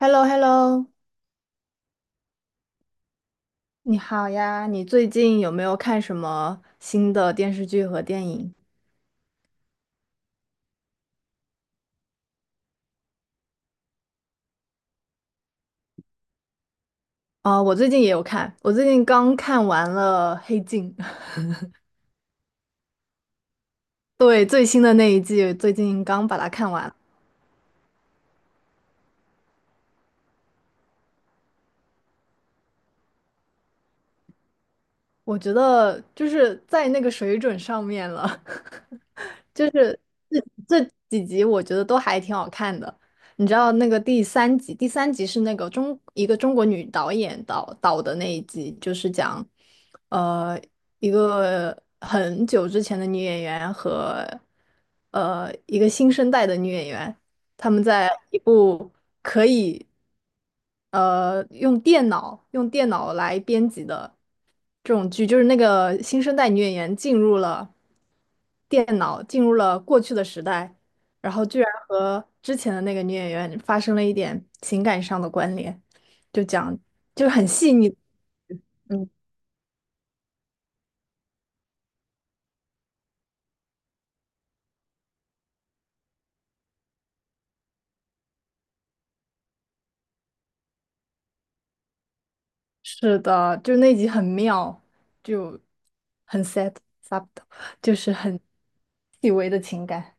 h e l l o h e l l o 你好呀，你最近有没有看什么新的电视剧和电影？啊，我最近也有看，我最近刚看完了《黑镜》。对，最新的那一季，最近刚把它看完，我觉得就是在那个水准上面了。就是这这几集我觉得都还挺好看的。你知道那个第三集是那个一个中国女导演导的那一集，就是讲呃一个很久之前的女演员和一个新生代的女演员，她们在一部可以用电脑来编辑的。这种剧，就是那个新生代女演员进入了电脑，进入了过去的时代，然后居然和之前的那个女演员发生了一点情感上的关联，就讲就是很细腻，嗯，是的，就是那集很妙，就很 s e t subtle，就是很细微的情感，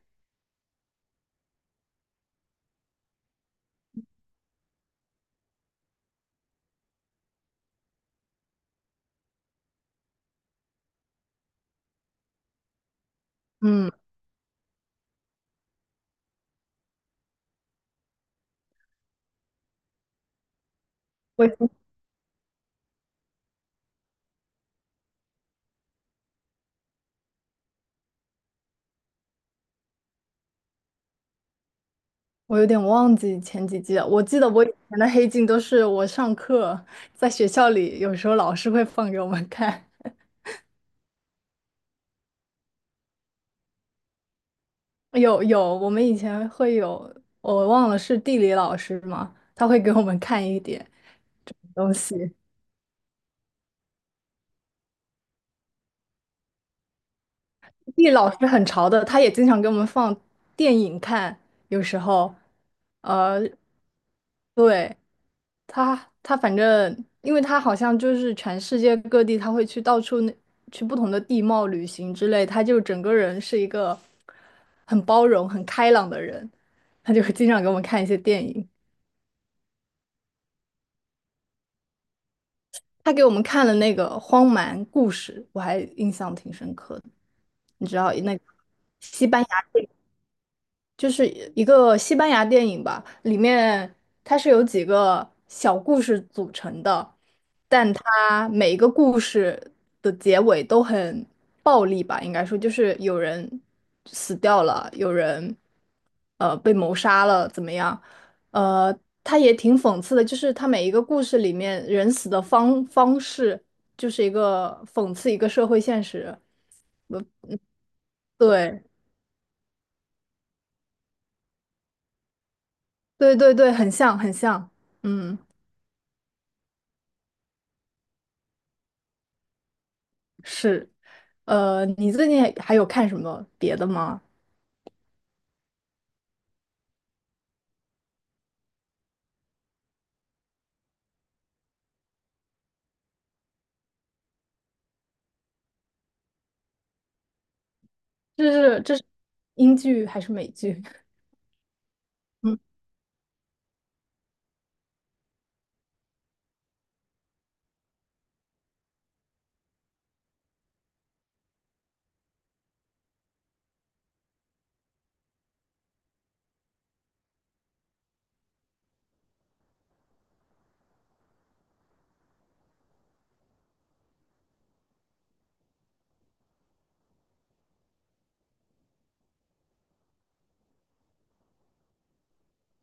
嗯。我已经我有点忘记前几季了，我记得我以前的黑镜都是我上课在学校里，有时候老师会放给我们看。我们以前会有，我忘了是地理老师吗？他会给我们看一点东西。地理老师很潮的，他也经常给我们放电影看，有时候，呃，对，他反正，因为他好像就是全世界各地，他会去到处那去不同的地貌旅行之类，他就整个人是一个很包容、很开朗的人，他就会经常给我们看一些电影。他给我们看了那个《荒蛮故事》，我还印象挺深刻的。你知道那个西班就是一个西班牙电影吧，里面它是由几个小故事组成的，但它每一个故事的结尾都很暴力吧，应该说就是有人死掉了，有人被谋杀了，怎么样？呃，它也挺讽刺的，就是它每一个故事里面人死的方式，就是一个讽刺一个社会现实。对，对对对，很像很像，嗯，是。你最近还有看什么别的吗？这是英剧还是美剧？嗯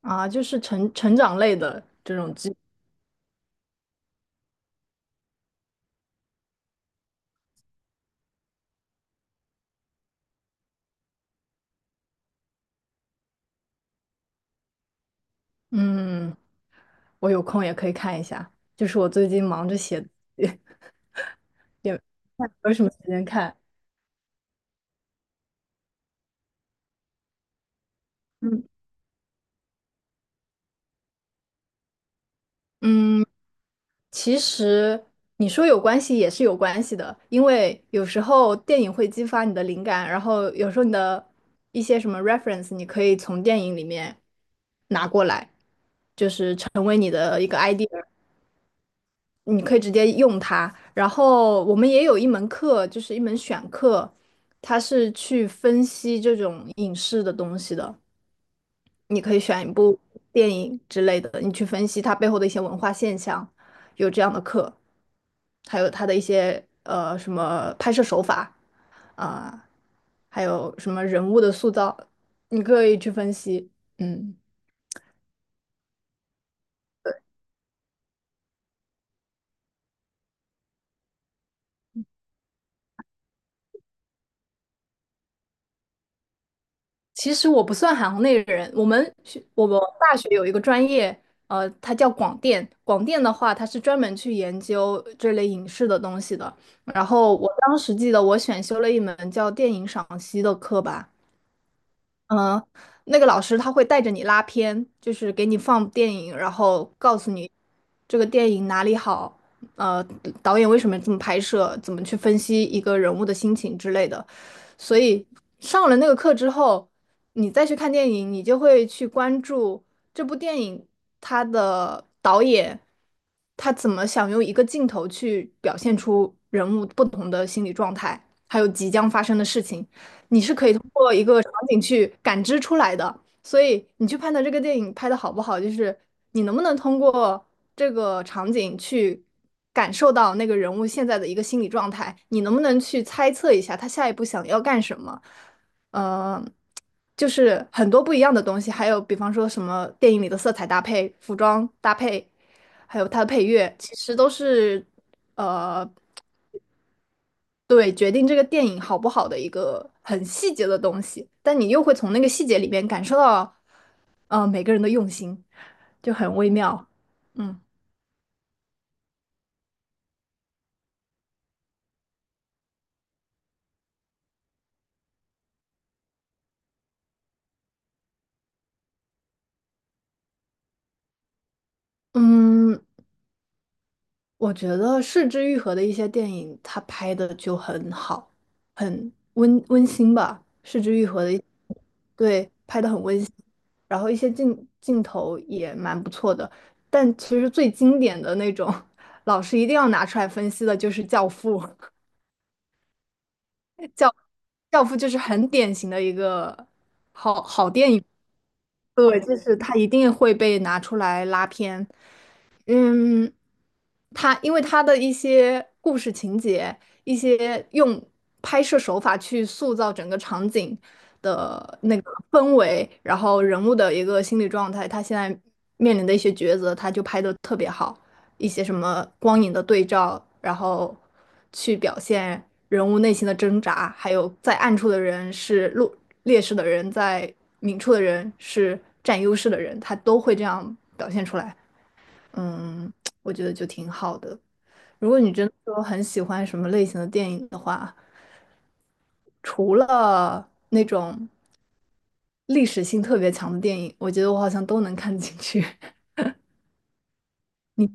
啊，就是成长类的这种剧。嗯，我有空也可以看一下。就是我最近忙着写，也没有什么时间看。嗯嗯，其实你说有关系也是有关系的，因为有时候电影会激发你的灵感，然后有时候你的一些什么 reference，你可以从电影里面拿过来，成为你的一个 idea。你可以直接用它。然后我们也有一门课，就是一门选课，它是去分析这种影视的东西的。你可以选一部电影之类的，你去分析它背后的一些文化现象，有这样的课，还有它的一些什么拍摄手法啊，还有什么人物的塑造，你可以去分析。嗯。其实我不算行内人，我们大学有一个专业，它叫广电。广电的话，它是专门去研究这类影视的东西的。然后我当时记得我选修了一门叫电影赏析的课吧，嗯，那个老师他会带着你拉片，就是给你放电影，然后告诉你这个电影哪里好，呃，导演为什么这么拍摄，怎么去分析一个人物的心情之类的。所以上了那个课之后，你再去看电影，你就会去关注这部电影它的导演，他怎么想用一个镜头去表现出人物不同的心理状态，还有即将发生的事情。你是可以通过一个场景去感知出来的。所以你去判断这个电影拍的好不好，就是你能不能通过这个场景去感受到那个人物现在的一个心理状态，你能不能去猜测一下他下一步想要干什么？呃，就是很多不一样的东西，还有比方说什么电影里的色彩搭配、服装搭配，还有它的配乐，其实都是呃对，决定这个电影好不好的一个很细节的东西，但你又会从那个细节里面感受到，每个人的用心，就很微妙。嗯嗯，我觉得是之愈合》的一些电影，他拍的就很好，很温馨吧。是之愈合》的一对，拍的很温馨，然后一些镜头也蛮不错的。但其实最经典的那种，老师一定要拿出来分析的就是《教父》。教教父就是很典型的一个，对，就是他一定会被拿出来拉偏。嗯，他因为他的一些故事情节，一些用拍摄手法去塑造整个场景的那个氛围，然后人物的一个心理状态，他现在面临的一些抉择，他就拍的特别好，一些什么光影的对照，然后去表现人物内心的挣扎，还有在暗处的人是劣势的人，在明处的人是占优势的人，他都会这样表现出来。嗯，我觉得就挺好的。如果你真的说很喜欢什么类型的电影的话，除了那种历史性特别强的电影，我觉得我好像都能看进去。你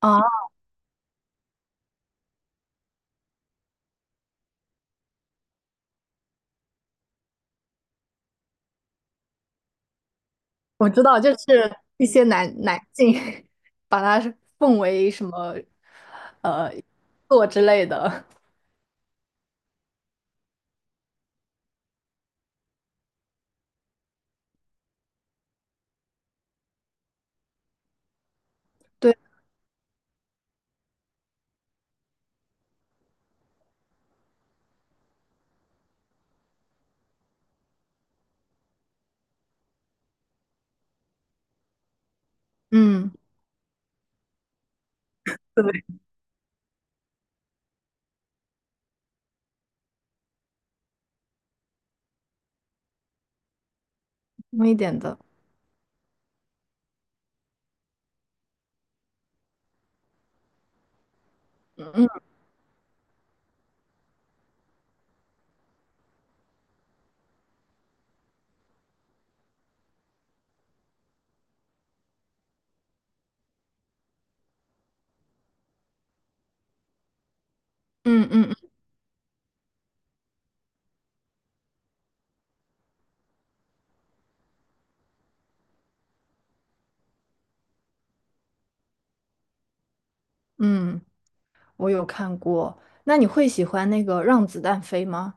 啊，我知道，就是一些男性 把它奉为什么作之类的。对，嗯，对，重一点的，嗯嗯嗯嗯，我有看过。那你会喜欢那个《让子弹飞》吗？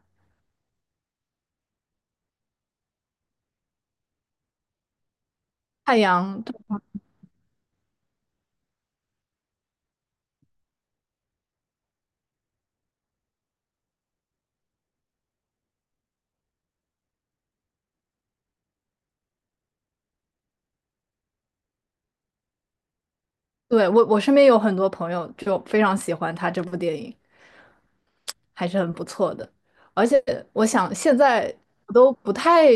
太阳。对，我身边有很多朋友就非常喜欢他这部电影，还是很不错的。而且我想现在我都不太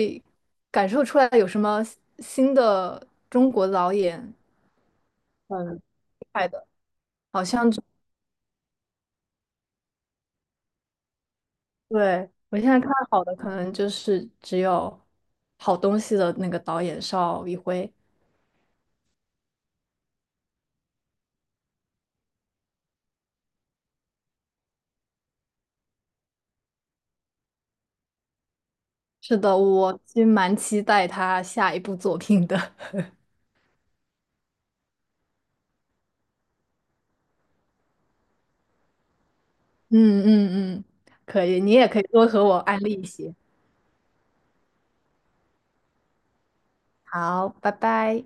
感受出来有什么新的中国导演很厉害的，好像只对，我现在看好的可能就是只有好东西的那个导演邵艺辉。是的，我其实蛮期待他下一部作品的。嗯嗯嗯，可以，你也可以多和我安利一些。好，拜拜。